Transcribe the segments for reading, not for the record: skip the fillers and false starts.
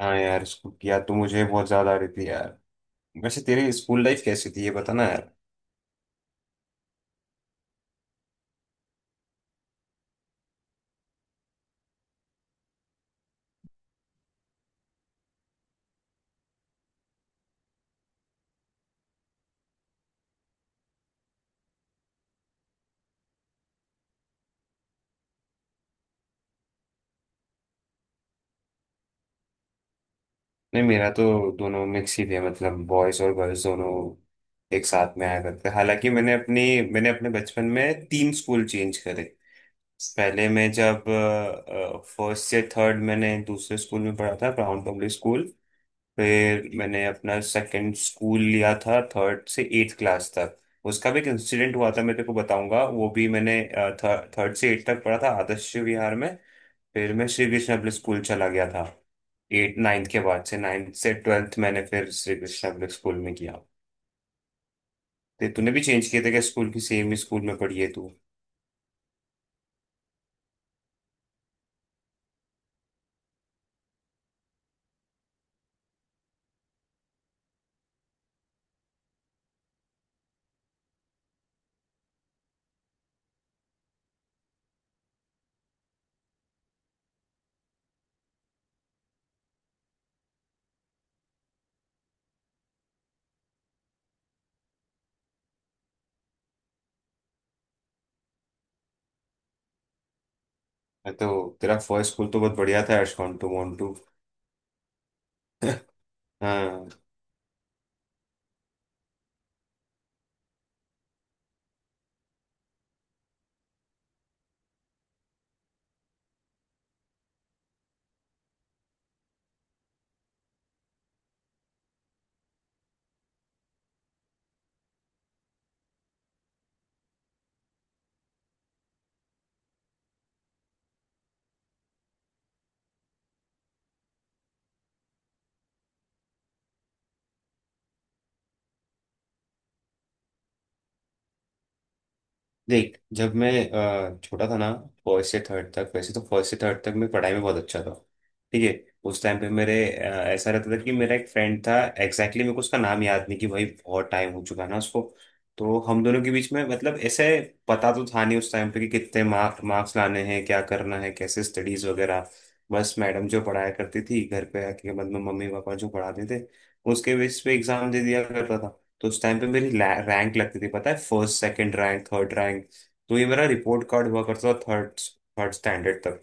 हाँ यार, स्कूल की याद तो मुझे बहुत ज्यादा आ रही थी यार। वैसे तेरी स्कूल लाइफ कैसी थी ये बताना यार। नहीं, मेरा तो दोनों मिक्स ही थे, मतलब बॉयज और गर्ल्स दोनों एक साथ में आया करते। हालांकि मैंने अपने बचपन में तीन स्कूल चेंज करे। पहले मैं जब फर्स्ट से थर्ड, मैंने दूसरे स्कूल में पढ़ा था, ब्राउन पब्लिक स्कूल। फिर मैंने अपना सेकंड स्कूल लिया था, थर्ड से एट्थ क्लास तक। उसका भी एक इंसिडेंट हुआ था, मैं तेरे को बताऊंगा वो भी। मैंने थर्ड से एट्थ तक पढ़ा था आदर्श विहार में। फिर मैं श्री कृष्ण पब्लिक स्कूल चला गया था। एट नाइन्थ के बाद से नाइन्थ से ट्वेल्थ मैंने फिर श्री कृष्ण पब्लिक स्कूल में किया। ते तूने भी चेंज किए थे क्या स्कूल, की सेम ही स्कूल में पढ़ी है तू? मैं तो, तेरा फर्स्ट स्कूल तो बहुत बढ़िया था, एश कॉन्टू मोन्टू। हाँ। देख, जब मैं छोटा था ना, फर्स्ट से थर्ड तक, वैसे तो फर्स्ट से थर्ड तक मैं पढ़ाई में बहुत अच्छा था। ठीक है। उस टाइम पे मेरे ऐसा रहता था कि मेरा एक फ्रेंड था एग्जैक्टली exactly, मेरे को उसका नाम याद नहीं कि भाई, बहुत टाइम हो चुका है ना उसको। तो हम दोनों के बीच में, मतलब ऐसे, पता तो था नहीं उस टाइम पे कि कितने मार्क्स लाने हैं, क्या करना है, कैसे स्टडीज वगैरह। बस मैडम जो पढ़ाया करती थी घर पे आके, मतलब मम्मी पापा जो पढ़ाते थे, उसके बेस पे एग्जाम दे दिया करता था। तो उस टाइम पे मेरी रैंक लगती थी पता है, first second rank third rank. तो ये मेरा रिपोर्ट कार्ड हुआ करता था, थर्ड थर्ड स्टैंडर्ड तक।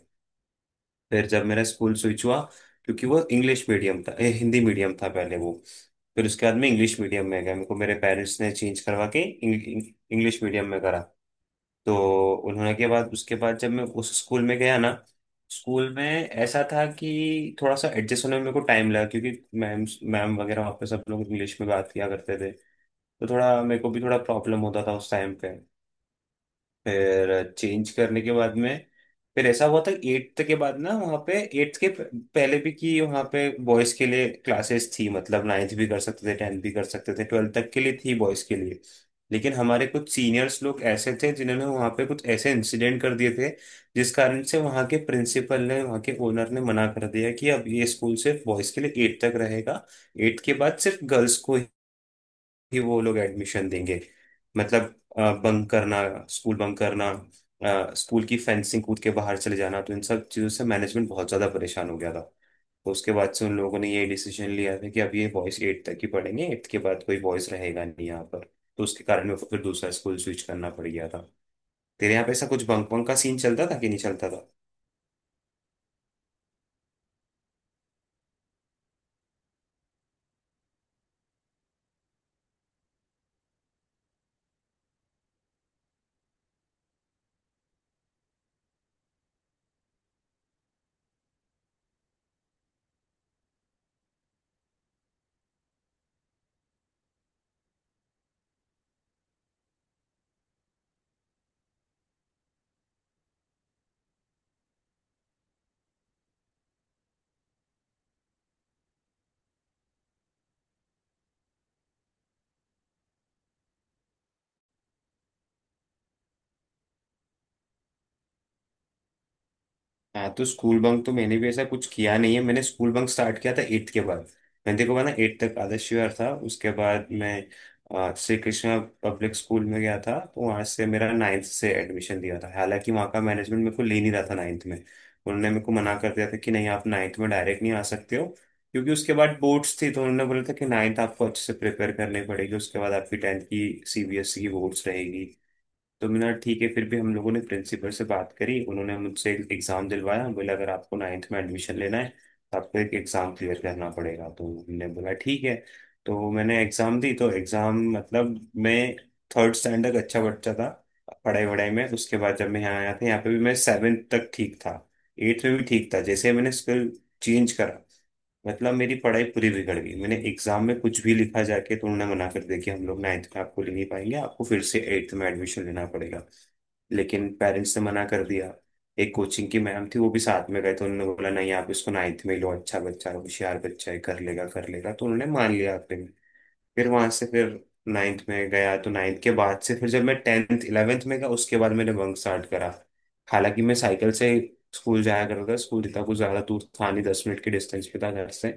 फिर जब मेरा स्कूल स्विच हुआ, क्योंकि वो इंग्लिश मीडियम था, हिंदी मीडियम था पहले वो। फिर उसके बाद मैं इंग्लिश मीडियम में गया, मेरे को मेरे पेरेंट्स ने चेंज करवा के इंग्लिश मीडियम में करा। तो उन्होंने के बाद उसके बाद जब मैं उस स्कूल में गया ना, स्कूल में ऐसा था कि थोड़ा सा एडजस्ट होने में मेरे को टाइम लगा, क्योंकि मैम मैम वगैरह वहाँ पे सब लोग इंग्लिश में बात किया करते थे। तो थोड़ा मेरे को भी थोड़ा प्रॉब्लम होता था उस टाइम पे। फिर चेंज करने के बाद में, फिर ऐसा हुआ था एट्थ के बाद ना वहाँ पे, एट्थ के प- पहले भी कि वहाँ पे बॉयज़ के लिए क्लासेस थी, मतलब नाइन्थ भी कर सकते थे, टेंथ भी कर सकते थे, ट्वेल्थ तक के लिए थी बॉयज़ के लिए। लेकिन हमारे कुछ सीनियर्स लोग ऐसे थे जिन्होंने वहाँ पे कुछ ऐसे इंसिडेंट कर दिए थे, जिस कारण से वहाँ के प्रिंसिपल ने, वहाँ के ओनर ने मना कर दिया कि अब ये स्कूल सिर्फ बॉयज़ के लिए एट्थ तक रहेगा, एट्थ के बाद सिर्फ गर्ल्स को ही वो लोग एडमिशन देंगे। मतलब बंक करना, स्कूल बंक करना, स्कूल की फेंसिंग कूद के बाहर चले जाना, तो इन सब चीज़ों से मैनेजमेंट बहुत ज़्यादा परेशान हो गया था। तो उसके बाद से उन लोगों ने ये डिसीजन लिया था कि अब ये बॉयज़ एट तक ही पढ़ेंगे, एट्थ के बाद कोई बॉयज़ रहेगा नहीं यहाँ पर। तो उसके कारण मेरे को फिर दूसरा स्कूल स्विच करना पड़ गया था। तेरे यहाँ पे ऐसा कुछ बंक बंक का सीन चलता था कि नहीं चलता? हाँ तो, स्कूल बंक तो मैंने भी ऐसा कुछ किया नहीं है, मैंने स्कूल बंक स्टार्ट किया था एट्थ के बाद। मैंने, देखो ना, एट्थ तक आदर्श विहार था, उसके बाद मैं श्री कृष्णा पब्लिक स्कूल में गया था, तो वहाँ से मेरा नाइन्थ से एडमिशन दिया था, हालांकि वहाँ का मैनेजमेंट मेरे को ले नहीं रहा था नाइन्थ में। उन्होंने मेरे को मना कर दिया था कि नहीं, आप नाइन्थ में डायरेक्ट नहीं आ सकते हो, क्योंकि उसके बाद बोर्ड्स थी, तो उन्होंने बोला था कि नाइन्थ आपको अच्छे से प्रिपेयर करनी पड़ेगी, उसके बाद आपकी टेंथ की सीबीएसई की बोर्ड्स रहेगी। तो मैंने कहा, ठीक है। फिर भी हम लोगों ने प्रिंसिपल से बात करी, उन्होंने मुझसे एक एग्ज़ाम दिलवाया, बोले अगर आपको नाइन्थ में एडमिशन लेना है तो आपको एक एग्ज़ाम क्लियर करना पड़ेगा, तो हमने बोला ठीक है। तो मैंने एग्ज़ाम दी। तो एग्ज़ाम मतलब, मैं थर्ड स्टैंडर्ड अच्छा बच्चा था पढ़ाई वढ़ाई में, उसके बाद जब मैं यहाँ आया था यहाँ पे भी मैं सेवेंथ तक ठीक था, एट्थ में भी ठीक था, जैसे मैंने स्कूल चेंज करा, मतलब मेरी पढ़ाई पूरी बिगड़ गई। मैंने एग्जाम में कुछ भी लिखा जाके, तो उन्होंने मना कर दिया कि हम लोग नाइन्थ में आपको ले नहीं पाएंगे, आपको फिर से एट्थ में एडमिशन लेना पड़ेगा। लेकिन पेरेंट्स ने मना कर दिया। एक कोचिंग की मैम थी, वो भी साथ में गए, तो उन्होंने बोला नहीं, आप इसको नाइन्थ में ही लो, अच्छा बच्चा है, होशियार बच्चा है, कर लेगा कर लेगा, तो उन्होंने मान लिया आखिर में। फिर वहां से फिर नाइन्थ में गया, तो नाइन्थ के बाद से फिर जब मैं टेंथ इलेवेंथ में गया, उसके बाद मैंने बंक स्टार्ट करा। हालांकि मैं साइकिल से स्कूल जाया करता था, स्कूल इतना कुछ ज्यादा दूर था नहीं, 10 मिनट के डिस्टेंस पे था घर से।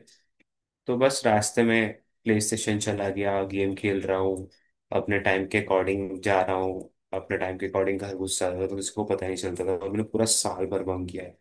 तो बस रास्ते में प्ले स्टेशन चला गया, गेम खेल रहा हूँ, अपने टाइम के अकॉर्डिंग जा रहा हूँ, अपने टाइम के अकॉर्डिंग घर घुस जा रहा हूँ, तो किसी को पता नहीं चलता था, और मैंने पूरा साल भर बंक किया है।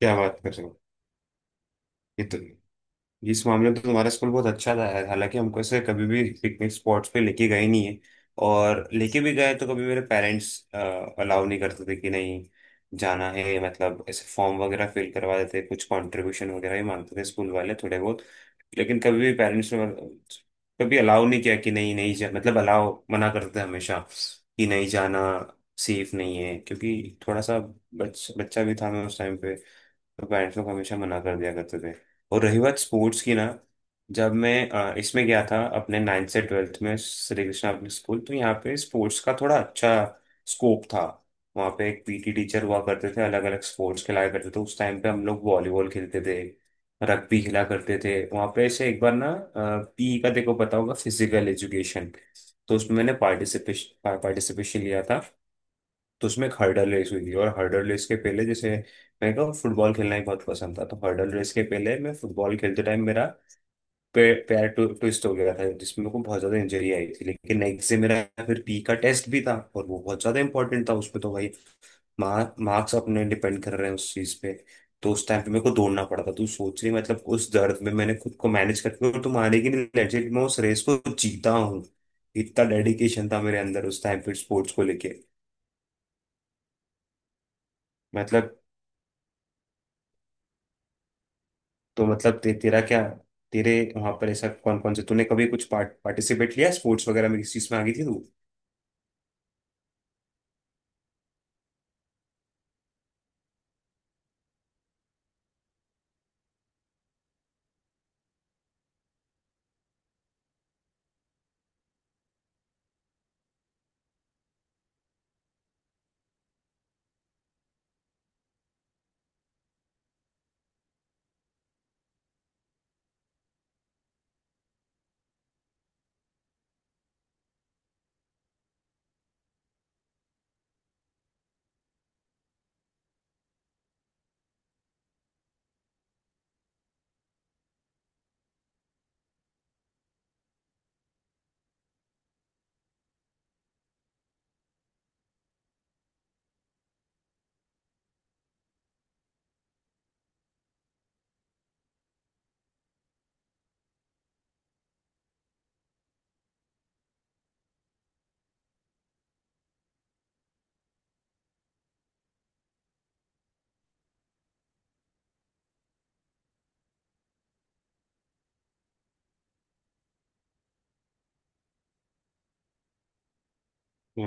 क्या बात कर रहे हो? ये तो, इस मामले में तो तुम्हारा स्कूल बहुत अच्छा था यार। हालांकि हमको ऐसे कभी भी पिकनिक स्पॉट्स पे लेके गए नहीं है, और लेके भी गए तो कभी मेरे पेरेंट्स अलाउ नहीं करते थे कि नहीं जाना है, मतलब ऐसे फॉर्म वगैरह फिल करवा देते, कुछ कंट्रीब्यूशन वगैरह ही मांगते थे स्कूल वाले थोड़े बहुत। लेकिन कभी भी पेरेंट्स ने, मतलब, कभी अलाउ नहीं किया कि नहीं नहीं जा, मतलब अलाउ मना करते थे हमेशा कि नहीं जाना, सेफ नहीं है, क्योंकि थोड़ा सा बच्चा भी था मैं उस टाइम। तो पेरेंट्स लोग हमेशा मना कर दिया करते थे। और रही बात स्पोर्ट्स की ना, जब मैं इसमें गया था अपने नाइन्थ से ट्वेल्थ में श्री कृष्णा पब्लिक स्कूल, तो यहाँ पे स्पोर्ट्स का थोड़ा अच्छा स्कोप था। वहाँ पे एक पीटी टीचर हुआ करते थे, अलग अलग स्पोर्ट्स खिलाया करते थे, उस टाइम पे हम लोग वॉलीबॉल खेलते थे, रग्बी खेला करते थे वहाँ पे। ऐसे एक बार ना, पी का, देखो पता होगा, फिजिकल एजुकेशन, तो उसमें मैंने पार्टिसिपेशन पार्टिसिपेशन लिया था। तो उसमें एक हर्डल रेस हुई थी, और हर्डल रेस के पहले जैसे मेरे को फुटबॉल खेलना ही बहुत पसंद था, तो हर्डल रेस के पहले मैं फुटबॉल खेलते टाइम मेरा पैर पैर ट्विस्ट हो गया था, जिसमें मेरे को बहुत ज्यादा इंजरी आई थी। लेकिन नेक्स्ट डे मेरा फिर पी का टेस्ट भी था, और वो बहुत ज्यादा इंपॉर्टेंट था उसमें, तो भाई मार्क्स अपने डिपेंड कर रहे हैं उस चीज पे। तो उस टाइम पे मेरे को दौड़ना पड़ा था, तू सोच रही, मतलब उस दर्द में मैंने खुद को मैनेज करके, और तुम हारे की नहीं, लेजिट मैं उस रेस को जीता हूँ। इतना डेडिकेशन था मेरे अंदर उस टाइम पे स्पोर्ट्स को लेके। मतलब, तो मतलब तेरा क्या, तेरे वहां पर ऐसा कौन कौन से तूने कभी कुछ पार्टिसिपेट लिया स्पोर्ट्स वगैरह में, किस चीज में आ गई थी तू?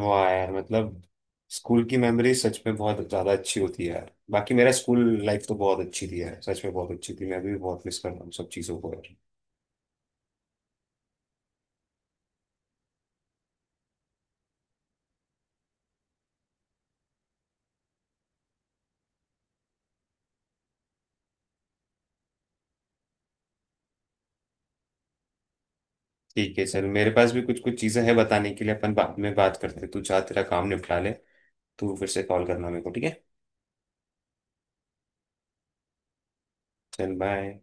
वाह यार, मतलब स्कूल की मेमोरी सच में बहुत ज्यादा अच्छी होती है यार। बाकी मेरा स्कूल लाइफ तो बहुत अच्छी थी यार, सच में बहुत अच्छी थी, मैं भी बहुत मिस कर रहा हूँ सब चीजों को यार। ठीक है, चल, मेरे पास भी कुछ कुछ चीजें हैं बताने के लिए, अपन बाद में बात करते हैं, तू चाह तेरा काम निपटा ले। तू फिर से कॉल करना मेरे को, ठीक है, चल बाय।